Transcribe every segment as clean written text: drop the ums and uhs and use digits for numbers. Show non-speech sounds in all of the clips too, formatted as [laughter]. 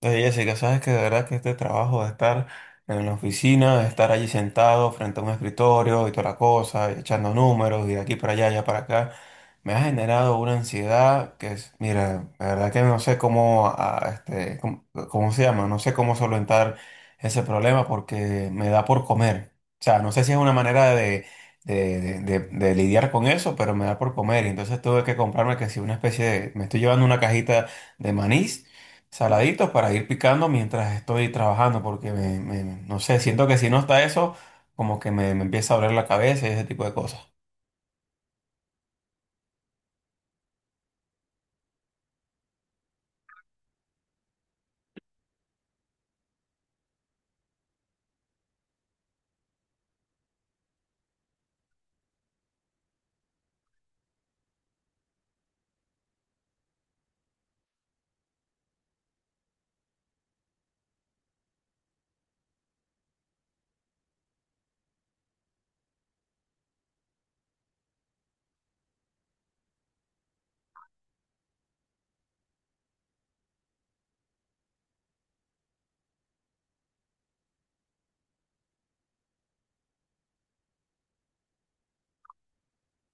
Oye, Jessica, sabes que de verdad que este trabajo de estar en la oficina, de estar allí sentado frente a un escritorio y toda la cosa, y echando números y de aquí para allá, allá para acá, me ha generado una ansiedad que es, mira, la verdad que no sé cómo, cómo, cómo se llama, no sé cómo solventar ese problema porque me da por comer. O sea, no sé si es una manera de, de lidiar con eso, pero me da por comer. Y entonces tuve que comprarme que si una especie de, me estoy llevando una cajita de maní saladitos para ir picando mientras estoy trabajando, porque no sé, siento que si no está eso, como que me empieza a doler la cabeza y ese tipo de cosas.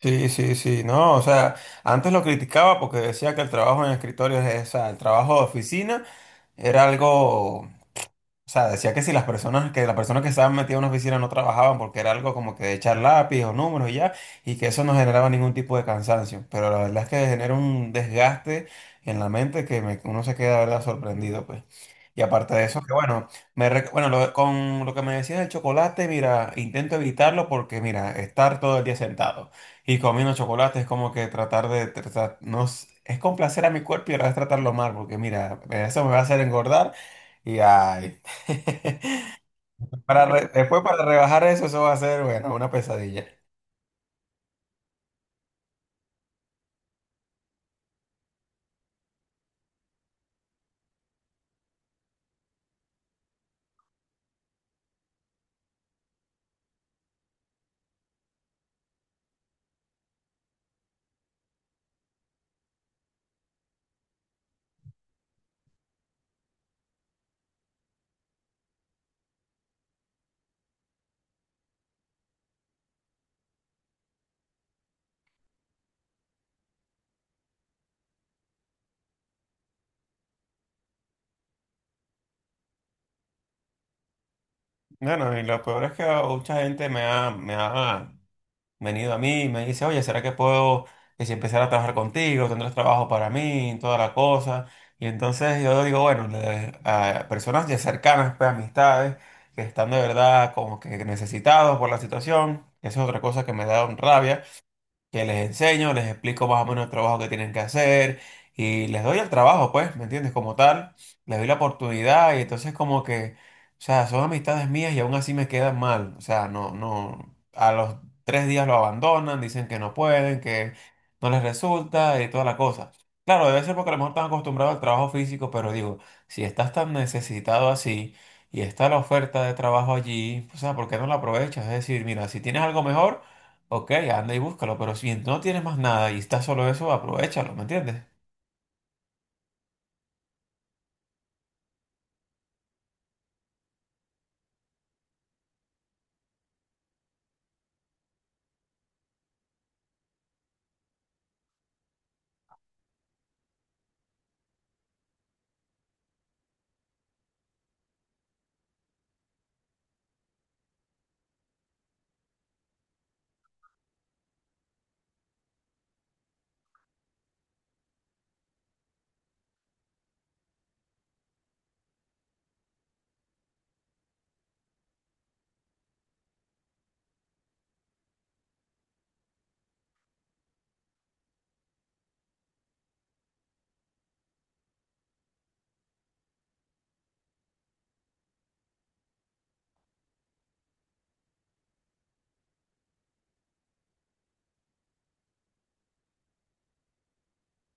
Sí, sí, sí, no, o sea, antes lo criticaba porque decía que el trabajo en escritorios, o sea, el trabajo de oficina era algo. O sea, decía que si las personas, que las personas que estaban metidas en una oficina no trabajaban porque era algo como que de echar lápiz o números y ya, y que eso no generaba ningún tipo de cansancio. Pero la verdad es que genera un desgaste en la mente que uno se queda, de verdad, sorprendido, pues. Y aparte de eso, que bueno, me, rec- bueno, lo- con lo que me decías del chocolate, mira, intento evitarlo porque, mira, estar todo el día sentado y comiendo chocolate es como que tratar de, tratar, no, s- es complacer a mi cuerpo y ahora es tratarlo mal, porque mira, eso me va a hacer engordar y ay. [laughs] Después para rebajar eso, eso va a ser, bueno, una pesadilla. Bueno, y lo peor es que mucha gente me ha venido a mí y me dice, oye, ¿será que puedo, que si empezar a trabajar contigo, tendrás trabajo para mí, toda la cosa? Y entonces yo digo, bueno, a personas ya cercanas, pues amistades, que están de verdad como que necesitados por la situación, eso es otra cosa que me da un rabia. Que les enseño, les explico más o menos el trabajo que tienen que hacer y les doy el trabajo, pues, ¿me entiendes? Como tal, les doy la oportunidad y entonces como que, o sea, son amistades mías y aún así me quedan mal, o sea, no, no, a los tres días lo abandonan, dicen que no pueden, que no les resulta y toda la cosa. Claro, debe ser porque a lo mejor están acostumbrados al trabajo físico, pero digo, si estás tan necesitado así y está la oferta de trabajo allí, o sea, ¿por qué no la aprovechas? Es decir, mira, si tienes algo mejor, ok, anda y búscalo, pero si no tienes más nada y está solo eso, aprovechalo, ¿me entiendes?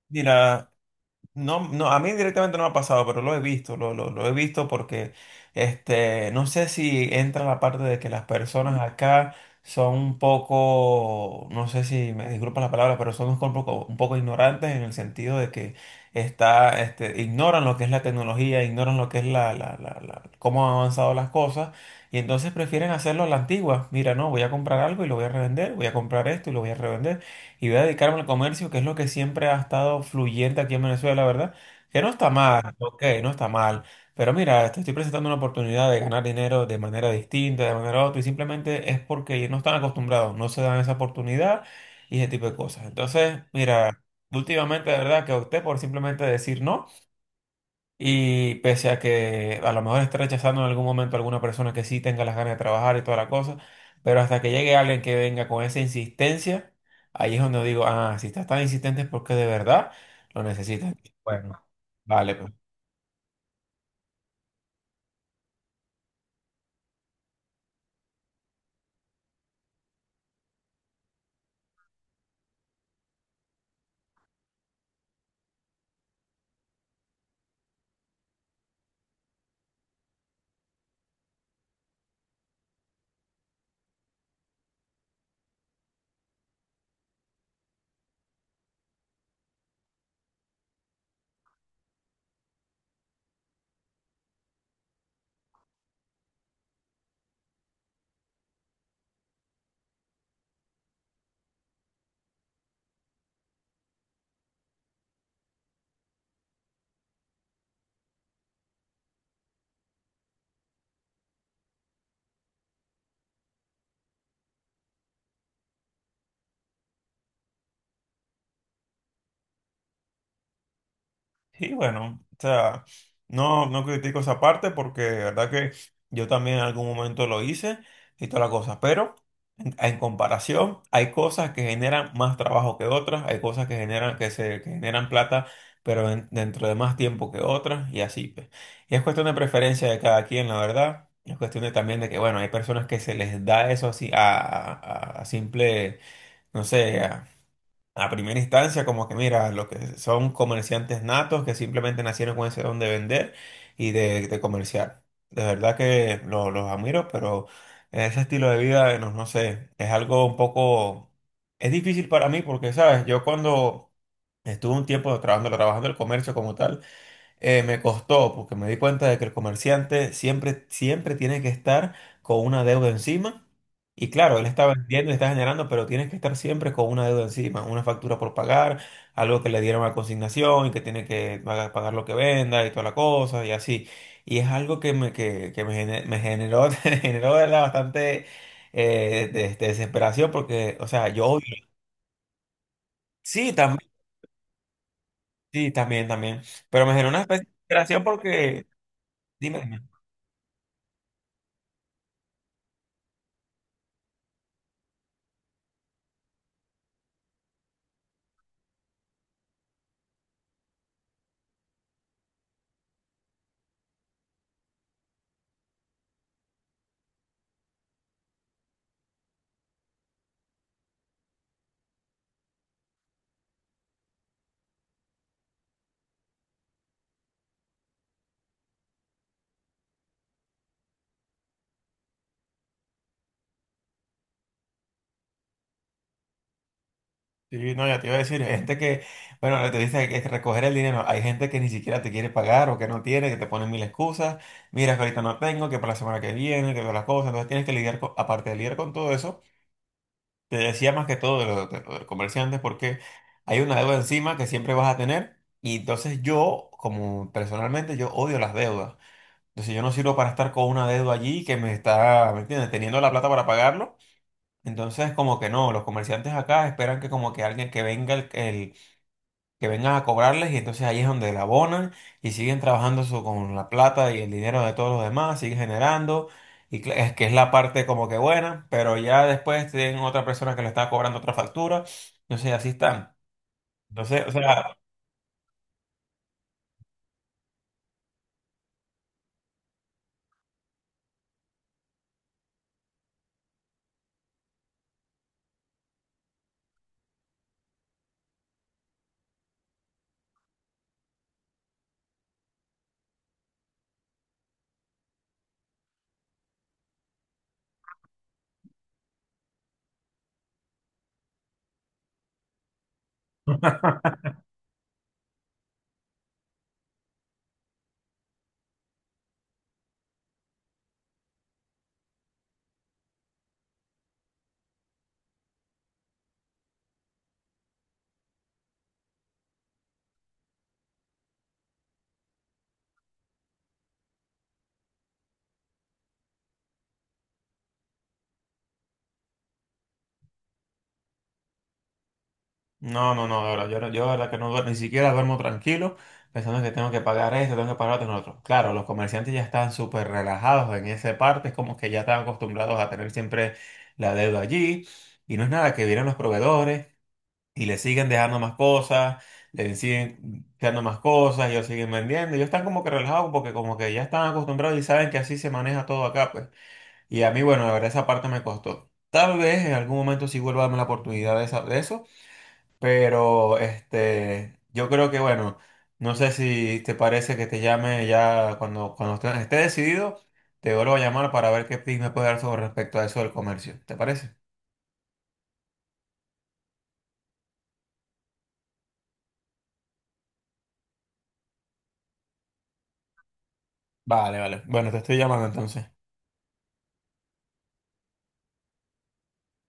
Mira, no, no, a mí directamente no me ha pasado, pero lo he visto, lo he visto porque este, no sé si entra la parte de que las personas acá son un poco, no sé si me disculpa la palabra, pero son un poco ignorantes en el sentido de que está, este, ignoran lo que es la tecnología, ignoran lo que es cómo han avanzado las cosas y entonces prefieren hacerlo a la antigua. Mira, no, voy a comprar algo y lo voy a revender, voy a comprar esto y lo voy a revender y voy a dedicarme al comercio, que es lo que siempre ha estado fluyente aquí en Venezuela, ¿verdad? Que no está mal, ok, no está mal. Pero mira, te estoy presentando una oportunidad de ganar dinero de manera distinta, de manera otra, y simplemente es porque no están acostumbrados, no se dan esa oportunidad y ese tipo de cosas. Entonces, mira, últimamente, de verdad, que opté por simplemente decir no. Y pese a que a lo mejor esté rechazando en algún momento a alguna persona que sí tenga las ganas de trabajar y toda la cosa, pero hasta que llegue alguien que venga con esa insistencia, ahí es donde digo, ah, si estás tan insistente es porque de verdad lo necesitas. Bueno, vale, pues. Sí, bueno, o sea, no, no critico esa parte porque de verdad que yo también en algún momento lo hice y toda la cosa, pero en comparación hay cosas que generan más trabajo que otras, hay cosas que generan, que se, que generan plata, pero dentro de más tiempo que otras y así, pues. Y es cuestión de preferencia de cada quien, la verdad. Es cuestión de también de que, bueno, hay personas que se les da eso así a, a simple, no sé, a primera instancia, como que mira, los que son comerciantes natos que simplemente nacieron con ese don de vender y de comerciar. De verdad que los admiro, pero ese estilo de vida, no, no sé, es algo un poco, es difícil para mí porque, ¿sabes? Yo cuando estuve un tiempo trabajando, trabajando el comercio como tal, me costó porque me di cuenta de que el comerciante siempre, siempre tiene que estar con una deuda encima. Y claro, él está vendiendo y está generando, pero tienes que estar siempre con una deuda encima, una factura por pagar, algo que le dieron a consignación y que tiene que pagar, pagar lo que venda y toda la cosa y así. Y es algo que me generó, [laughs] me generó de verdad, bastante de desesperación porque, o sea, yo odio. Sí, también, sí, también, también. Pero me generó una especie de desesperación porque, dime. Dime. Sí, no, ya te iba a decir, hay gente que, bueno, te dice que es recoger el dinero, hay gente que ni siquiera te quiere pagar o que no tiene, que te ponen mil excusas, mira que ahorita no tengo, que para la semana que viene, que todas las cosas, entonces tienes que lidiar con, aparte de lidiar con todo eso, te decía más que todo de los comerciantes, porque hay una deuda encima que siempre vas a tener y entonces yo, como personalmente, yo odio las deudas, entonces yo no sirvo para estar con una deuda allí que me está, ¿me entiendes?, teniendo la plata para pagarlo. Entonces, como que no, los comerciantes acá esperan que como que alguien que venga el que vengan a cobrarles y entonces ahí es donde la abonan y siguen trabajando eso con la plata y el dinero de todos los demás, siguen generando y es que es la parte como que buena, pero ya después tienen otra persona que le está cobrando otra factura, entonces así están. Entonces, o sea, no, no, no, de verdad, yo de verdad que no duermo, ni siquiera duermo tranquilo pensando que tengo que pagar esto, tengo que pagar otro, no, otro. Claro, los comerciantes ya están súper relajados en esa parte, es como que ya están acostumbrados a tener siempre la deuda allí y no es nada que vienen los proveedores. Y le siguen dejando más cosas, le siguen dejando más cosas, ellos siguen vendiendo. Ellos están como que relajados porque como que ya están acostumbrados y saben que así se maneja todo acá, pues. Y a mí, bueno, la verdad esa parte me costó. Tal vez en algún momento sí vuelva a darme la oportunidad de, de eso, pero este, yo creo que, bueno, no sé si te parece que te llame ya cuando, cuando esté, esté decidido, te vuelvo a llamar para ver qué tips me puedes dar sobre respecto a eso del comercio. ¿Te parece? Vale, vale. Bueno, te estoy llamando entonces.